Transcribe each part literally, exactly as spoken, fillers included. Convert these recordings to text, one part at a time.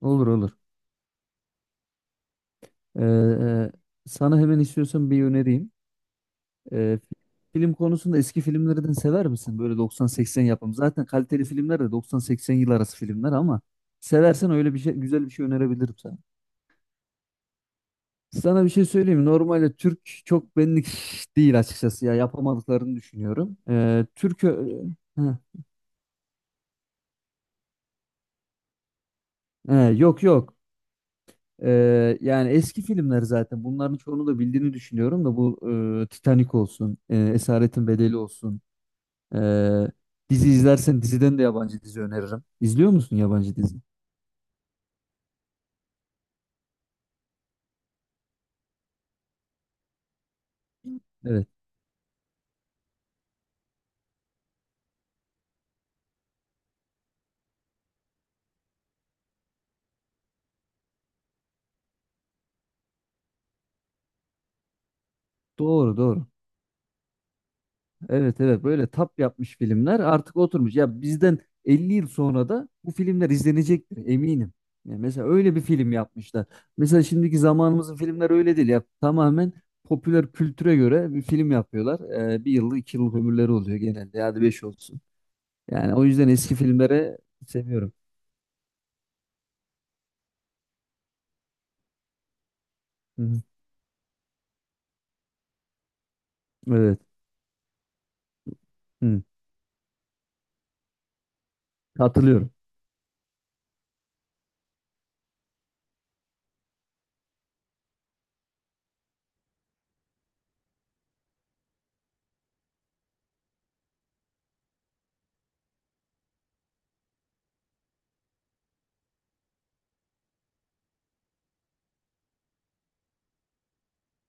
Olur, olur. Ee, e, Sana hemen istiyorsan bir önereyim. Ee, Film konusunda eski filmlerden sever misin? Böyle doksan seksen yapım. Zaten kaliteli filmler de doksan seksen yıl arası filmler ama seversen öyle bir şey, güzel bir şey önerebilirim sana. Sana bir şey söyleyeyim mi? Normalde Türk çok benlik değil açıkçası, ya yapamadıklarını düşünüyorum. Ee, Türk ö- Hı. He, yok, yok. Ee, yani eski filmler, zaten bunların çoğunu da bildiğini düşünüyorum da bu e, Titanic olsun, e, Esaretin Bedeli olsun. Ee, Dizi izlersen diziden de yabancı dizi öneririm. İzliyor musun yabancı dizi? Evet. Doğru, doğru. Evet, evet, böyle tap yapmış filmler artık oturmuş. Ya bizden elli yıl sonra da bu filmler izlenecektir eminim. Ya mesela öyle bir film yapmışlar. Mesela şimdiki zamanımızın filmler öyle değil ya. Tamamen popüler kültüre göre bir film yapıyorlar. Ee, bir yıllık, iki yıllık ömürleri oluyor genelde. Hadi beş olsun. Yani o yüzden eski filmlere seviyorum. Hı hı. Evet. Hı. Katılıyorum.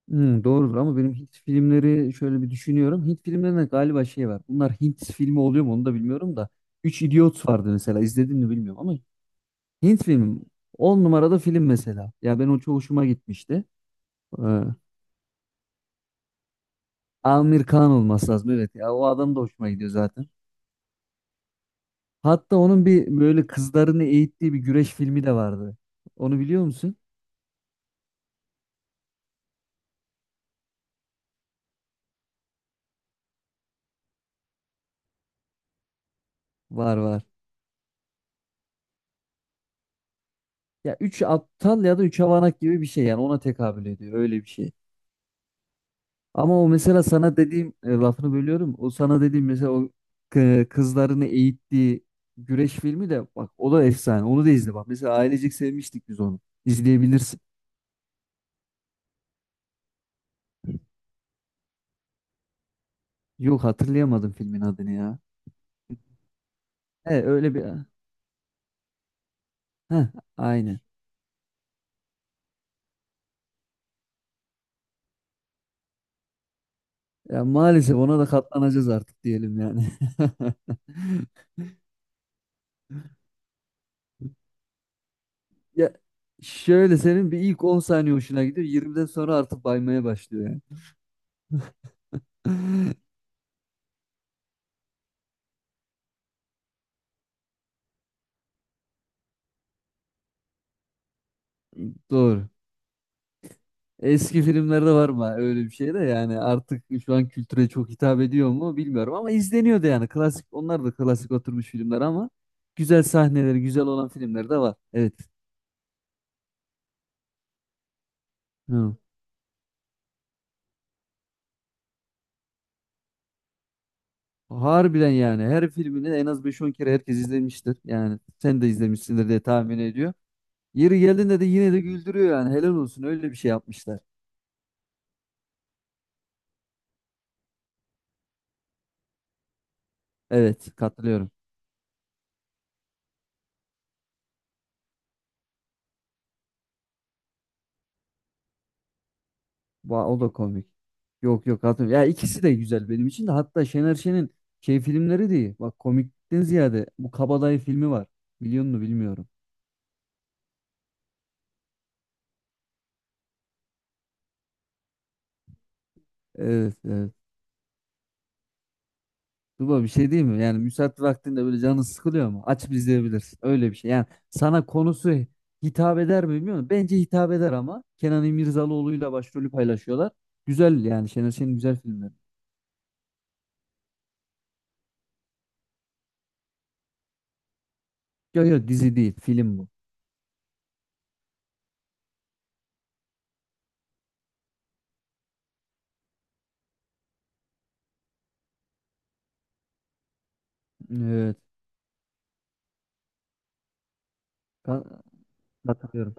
Hmm, doğrudur ama benim Hint filmleri şöyle bir düşünüyorum. Hint filmlerinde galiba şey var. Bunlar Hint filmi oluyor mu onu da bilmiyorum da. Üç İdiot vardı mesela, izledin mi bilmiyorum ama Hint filmi on numarada film mesela. Ya ben o çok hoşuma gitmişti. Ee, Amir Khan olması lazım, evet, ya o adam da hoşuma gidiyor zaten. Hatta onun bir böyle kızlarını eğittiği bir güreş filmi de vardı. Onu biliyor musun? Var, var. Ya üç aptal ya da üç avanak gibi bir şey yani, ona tekabül ediyor öyle bir şey. Ama o mesela sana dediğim, e, lafını bölüyorum. O sana dediğim mesela o k- kızlarını eğittiği güreş filmi de, bak, o da efsane. Onu da izle, bak. Mesela ailecek sevmiştik biz onu. İzleyebilirsin. Yok, hatırlayamadım filmin adını ya. He, öyle bir Heh, aynen. Ya maalesef ona da katlanacağız artık, diyelim yani. Ya şöyle, senin bir ilk on saniye hoşuna gidiyor. yirmiden sonra artık baymaya başlıyor yani. Doğru. Eski filmlerde var mı öyle bir şey de, yani artık şu an kültüre çok hitap ediyor mu bilmiyorum ama izleniyordu yani, klasik, onlar da klasik oturmuş filmler ama güzel sahneleri, güzel olan filmler de var. Evet. Hı. Harbiden, yani her filmini en az beş on kere herkes izlemiştir. Yani sen de izlemişsindir diye tahmin ediyor. Yeri geldiğinde de yine de güldürüyor yani, helal olsun, öyle bir şey yapmışlar. Evet, katılıyorum. Va- O da komik. Yok, yok, hatırlıyorum. Ya ikisi de güzel benim için de. Hatta Şener Şen'in şey filmleri de, bak, komikten ziyade bu Kabadayı filmi var. Biliyor musun, bilmiyorum. Evet, evet. Tuba bir şey değil mi? Yani müsait vaktinde böyle canın sıkılıyor mu? Açıp izleyebilirsin. Öyle bir şey. Yani sana konusu hitap eder mi bilmiyorum. Bence hitap eder ama. Kenan İmirzalıoğlu'yla başrolü paylaşıyorlar. Güzel, yani Şener Şen'in güzel filmleri. Yok, yok, dizi değil, film bu. Evet. Ka- Katılıyorum.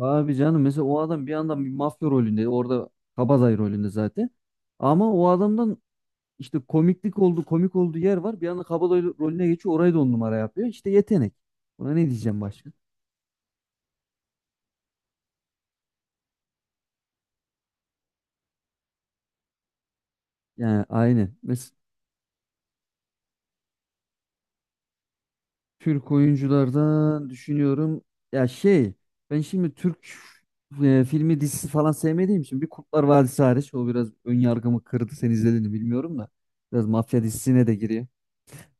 Abi canım, mesela o adam bir yandan bir mafya rolünde, orada kabadayı rolünde zaten. Ama o adamdan işte komiklik oldu, komik olduğu yer var. Bir anda kabadayı rolüne geçiyor, orayı da on numara yapıyor. İşte yetenek. Buna ne diyeceğim başka? Yani aynı. Mesela Türk oyunculardan düşünüyorum. Ya şey, ben şimdi Türk e, filmi, dizisi falan sevmediğim için, bir Kurtlar Vadisi hariç, o biraz ön yargımı kırdı. Sen izledin mi bilmiyorum da. Biraz mafya dizisine de giriyor.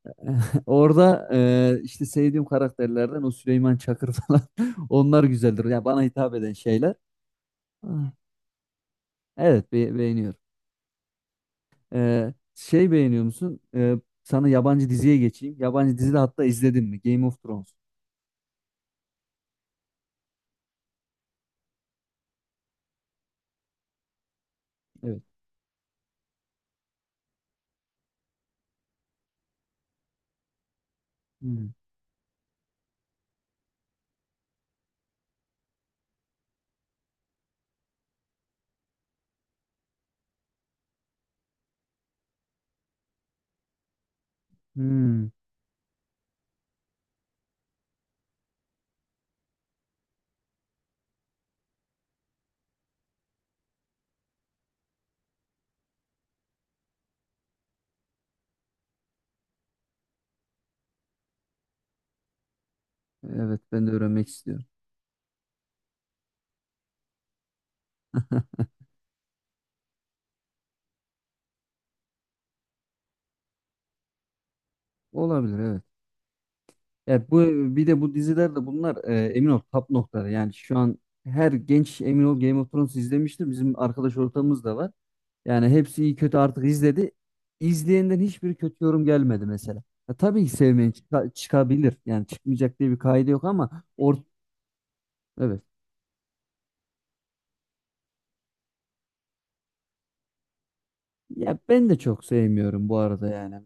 Orada e, işte sevdiğim karakterlerden o Süleyman Çakır falan, onlar güzeldir. Ya bana hitap eden şeyler. Ah, evet, be- beğeniyorum. E, şey, beğeniyor musun? E, sana yabancı diziye geçeyim. Yabancı dizi de, hatta izledin mi? Game of Thrones. Evet. Hmm. Hmm. Evet, ben de öğrenmek istiyorum. Olabilir, evet. Ya bu, bir de bu diziler de bunlar e, emin ol top noktaları. Yani şu an her genç, emin ol, Game of Thrones izlemiştir. Bizim arkadaş ortamımız da var. Yani hepsi iyi kötü artık izledi. İzleyenden hiçbir kötü yorum gelmedi mesela. Ya tabii ki sevmeyen çıka- çıkabilir. Yani çıkmayacak diye bir kaydı yok ama or evet. Ya ben de çok sevmiyorum bu arada yani.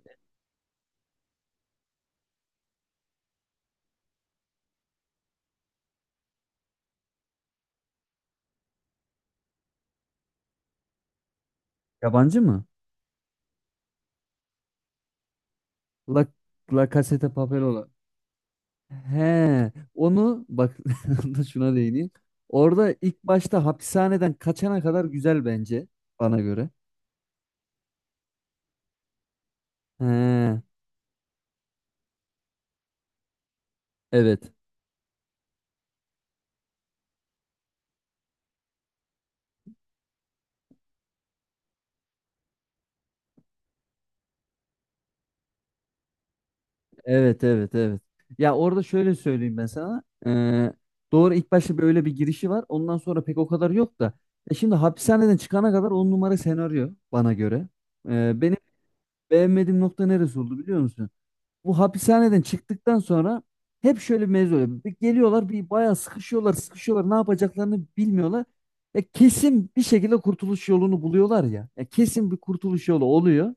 Yabancı mı? La, La Casa de Papel olan. He, onu bak da şuna değineyim. Orada ilk başta hapishaneden kaçana kadar güzel, bence bana göre. He, evet. Evet, evet, evet. Ya orada şöyle söyleyeyim ben sana. Ee, doğru, ilk başta böyle bir girişi var. Ondan sonra pek o kadar yok da. E şimdi hapishaneden çıkana kadar on numara senaryo, bana göre. Ee, benim beğenmediğim nokta neresi oldu biliyor musun? Bu hapishaneden çıktıktan sonra hep şöyle bir mevzu oluyor. Bir, geliyorlar, bir bayağı sıkışıyorlar, sıkışıyorlar. Ne yapacaklarını bilmiyorlar. Ya kesin bir şekilde kurtuluş yolunu buluyorlar ya. Ya kesin bir kurtuluş yolu oluyor.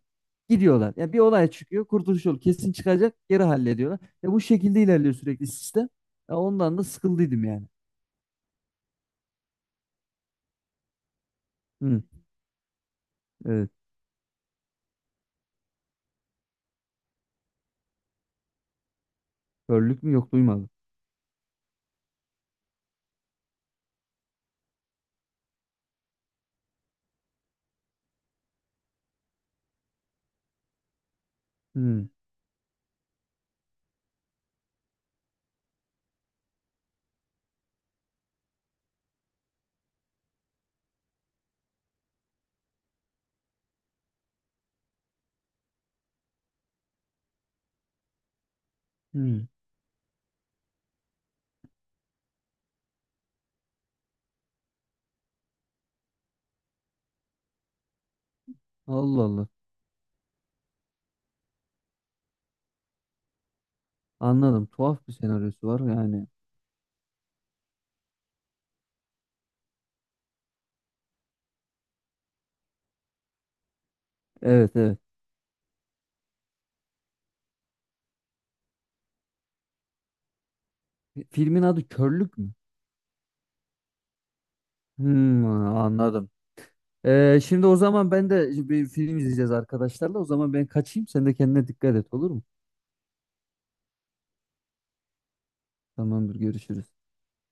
Gidiyorlar. Ya bir olay çıkıyor, kurtuluş yolu kesin çıkacak, geri hallediyorlar. Ya bu şekilde ilerliyor sürekli sistem. Ya ondan da sıkıldıydım yani. Hı, evet. Körlük mü, yok, duymadım. Hı, hı. Allah, Allah. Anladım. Tuhaf bir senaryosu var yani. Evet, evet. Filmin adı Körlük mü? Hmm, Anladım. Ee, şimdi o zaman ben de bir film izleyeceğiz arkadaşlarla. O zaman ben kaçayım. Sen de kendine dikkat et, olur mu? Tamamdır, görüşürüz.